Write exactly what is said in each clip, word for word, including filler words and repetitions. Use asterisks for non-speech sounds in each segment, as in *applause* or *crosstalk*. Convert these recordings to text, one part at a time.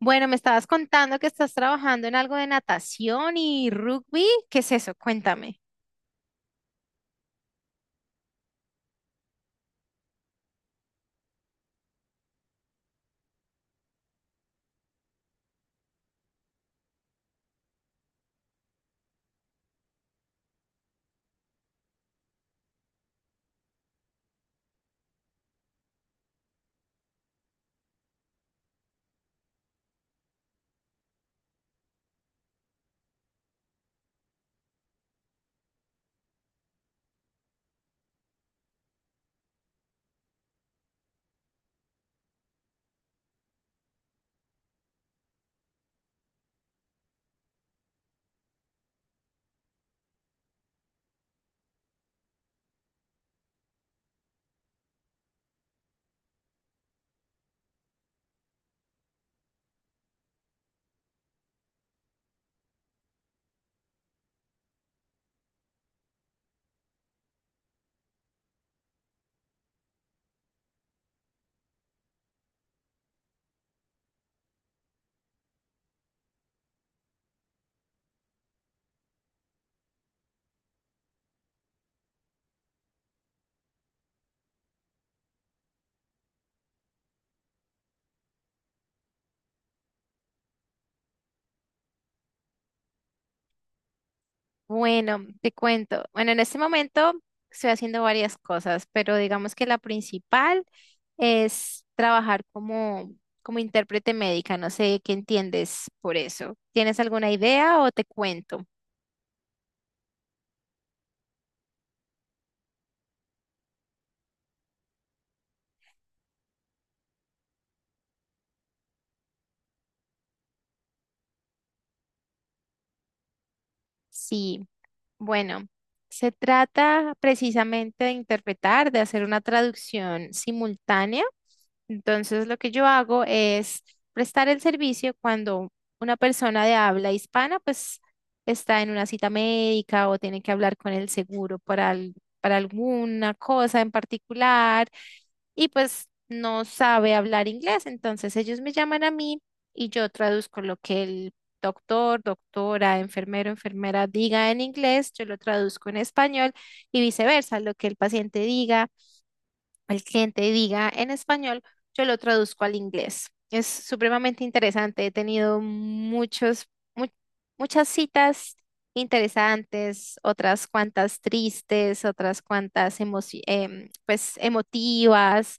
Bueno, me estabas contando que estás trabajando en algo de natación y rugby. ¿Qué es eso? Cuéntame. Bueno, te cuento. Bueno, en este momento estoy haciendo varias cosas, pero digamos que la principal es trabajar como, como intérprete médica. No sé qué entiendes por eso. ¿Tienes alguna idea o te cuento? Sí. Bueno, se trata precisamente de interpretar, de hacer una traducción simultánea. Entonces, lo que yo hago es prestar el servicio cuando una persona de habla hispana, pues, está en una cita médica o tiene que hablar con el seguro para, al- para alguna cosa en particular y pues no sabe hablar inglés. Entonces, ellos me llaman a mí y yo traduzco lo que el doctor, doctora, enfermero, enfermera diga en inglés, yo lo traduzco en español y viceversa, lo que el paciente diga, el cliente diga en español, yo lo traduzco al inglés. Es supremamente interesante, he tenido muchos, mu- muchas citas interesantes, otras cuantas tristes, otras cuantas emoci- em, pues emotivas,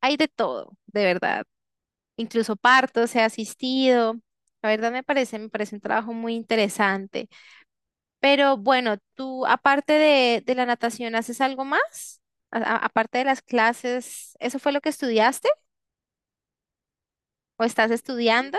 hay de todo, de verdad incluso partos he asistido. La verdad me parece, me parece un trabajo muy interesante. Pero bueno, tú aparte de, de la natación, ¿haces algo más? A- a- aparte de las clases, ¿eso fue lo que estudiaste o estás estudiando?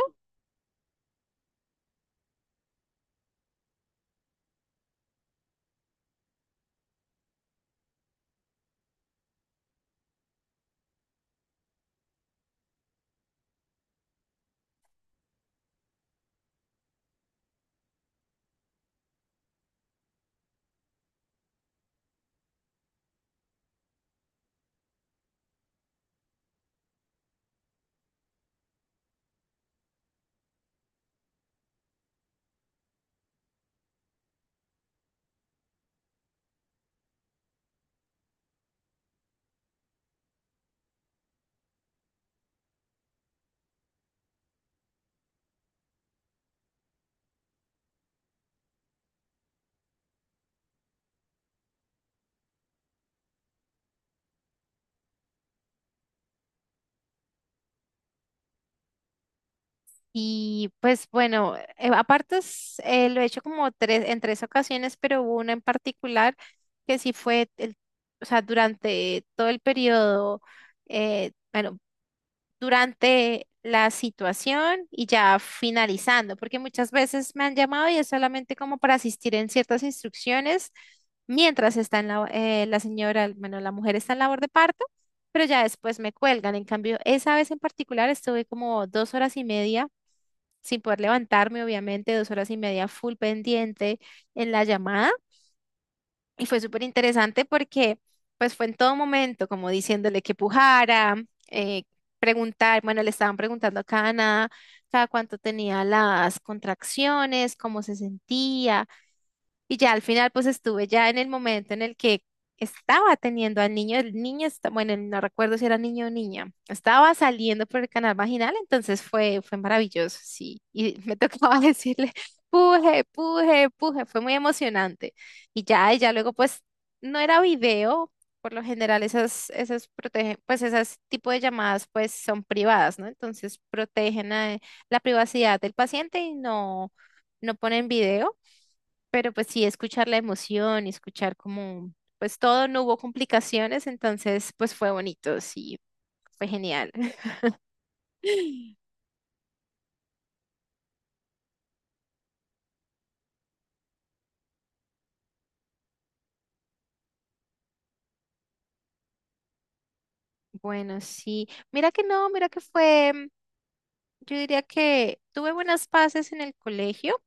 Y pues bueno, eh, aparte es, eh, lo he hecho como tres, en tres ocasiones, pero hubo una en particular que sí fue, el, o sea, durante todo el periodo, eh, bueno, durante la situación y ya finalizando, porque muchas veces me han llamado y es solamente como para asistir en ciertas instrucciones mientras está en la, eh, la señora, bueno, la mujer está en labor de parto, pero ya después me cuelgan. En cambio, esa vez en particular estuve como dos horas y media sin poder levantarme, obviamente, dos horas y media full pendiente en la llamada. Y fue súper interesante porque pues fue en todo momento como diciéndole que pujara, eh, preguntar, bueno, le estaban preguntando a cada nada, cada cuánto tenía las contracciones, cómo se sentía, y ya al final, pues estuve ya en el momento en el que estaba teniendo al niño, el niño, esta- bueno, no recuerdo si era niño o niña, estaba saliendo por el canal vaginal, entonces fue, fue maravilloso, sí. Y me tocaba *laughs* decirle, puje, puje, puje, fue muy emocionante. Y ya, y ya luego, pues, no era video, por lo general esas, esas protegen, pues esas tipo de llamadas, pues son privadas, ¿no? Entonces protegen eh, la privacidad del paciente y no, no ponen video, pero pues sí, escuchar la emoción y escuchar como, pues todo, no hubo complicaciones, entonces pues fue bonito, sí, fue genial. *laughs* Bueno, sí, mira que no, mira que fue, yo diría que tuve buenas pases en el colegio,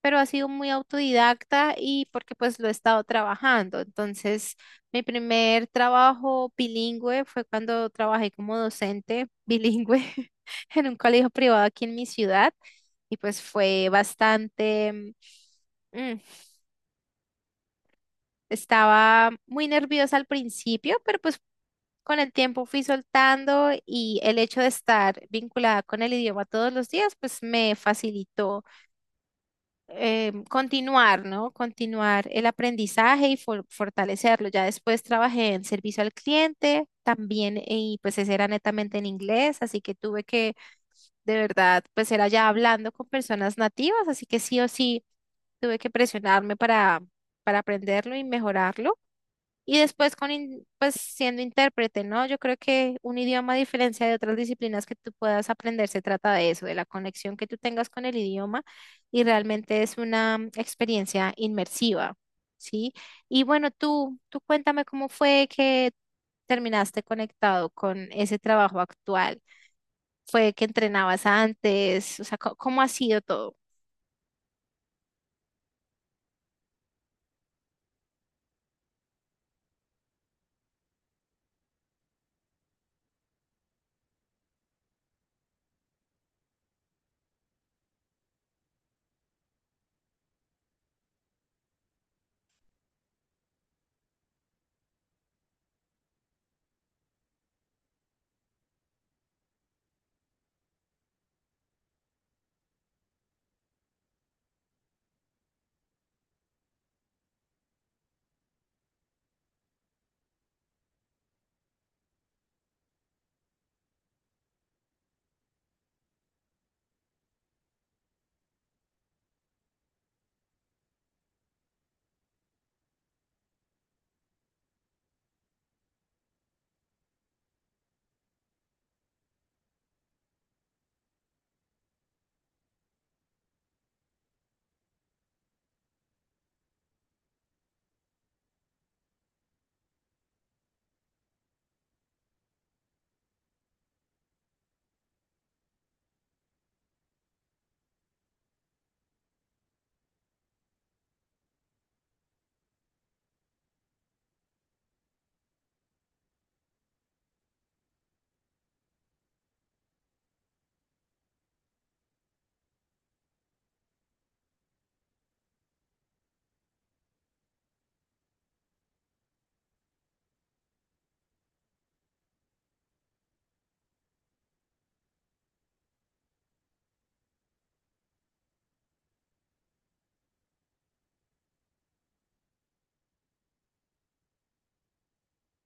pero ha sido muy autodidacta y porque pues lo he estado trabajando. Entonces, mi primer trabajo bilingüe fue cuando trabajé como docente bilingüe *laughs* en un colegio privado aquí en mi ciudad y pues fue bastante mm, mm, estaba muy nerviosa al principio, pero pues con el tiempo fui soltando y el hecho de estar vinculada con el idioma todos los días, pues me facilitó eh, continuar, ¿no? Continuar el aprendizaje y for- fortalecerlo. Ya después trabajé en servicio al cliente también y pues ese era netamente en inglés, así que tuve que de verdad pues era ya hablando con personas nativas, así que sí o sí tuve que presionarme para, para aprenderlo y mejorarlo. Y después con in- pues siendo intérprete, ¿no? Yo creo que un idioma, a diferencia de otras disciplinas que tú puedas aprender, se trata de eso, de la conexión que tú tengas con el idioma y realmente es una experiencia inmersiva, ¿sí? Y bueno, tú, tú cuéntame cómo fue que terminaste conectado con ese trabajo actual. ¿Fue que entrenabas antes? O sea, co- ¿cómo ha sido todo?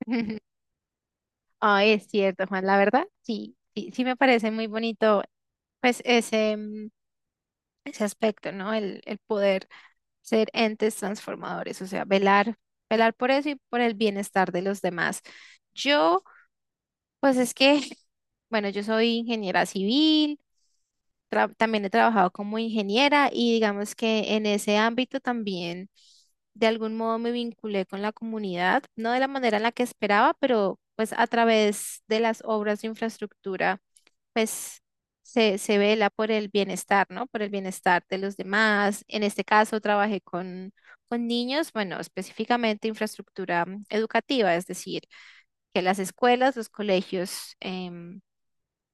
*laughs* Ah, es cierto, Juan, la verdad, sí, sí, sí me parece muy bonito, pues ese... mm, ese aspecto, ¿no? El, el poder ser entes transformadores, o sea, velar, velar por eso y por el bienestar de los demás. Yo, pues es que, *laughs* bueno, yo soy ingeniera civil, tra- también he trabajado como ingeniera y digamos que en ese ámbito también de algún modo me vinculé con la comunidad, no de la manera en la que esperaba, pero pues a través de las obras de infraestructura pues se, se vela por el bienestar, ¿no? Por el bienestar de los demás. En este caso trabajé con, con niños, bueno, específicamente infraestructura mm, educativa, es decir, que las escuelas, los colegios em,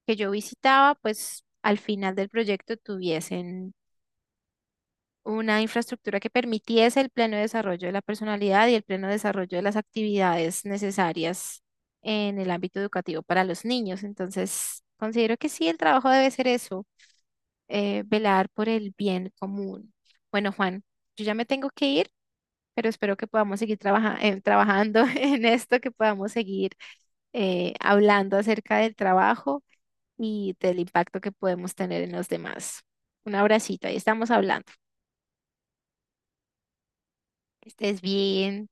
que yo visitaba, pues al final del proyecto tuviesen una infraestructura que permitiese el pleno desarrollo de la personalidad y el pleno desarrollo de las actividades necesarias en el ámbito educativo para los niños. Entonces, considero que sí, el trabajo debe ser eso, eh, velar por el bien común. Bueno, Juan, yo ya me tengo que ir, pero espero que podamos seguir trabaja- eh, trabajando *laughs* en esto, que podamos seguir eh, hablando acerca del trabajo y del impacto que podemos tener en los demás. Un abracito, ahí estamos hablando. Que estés bien.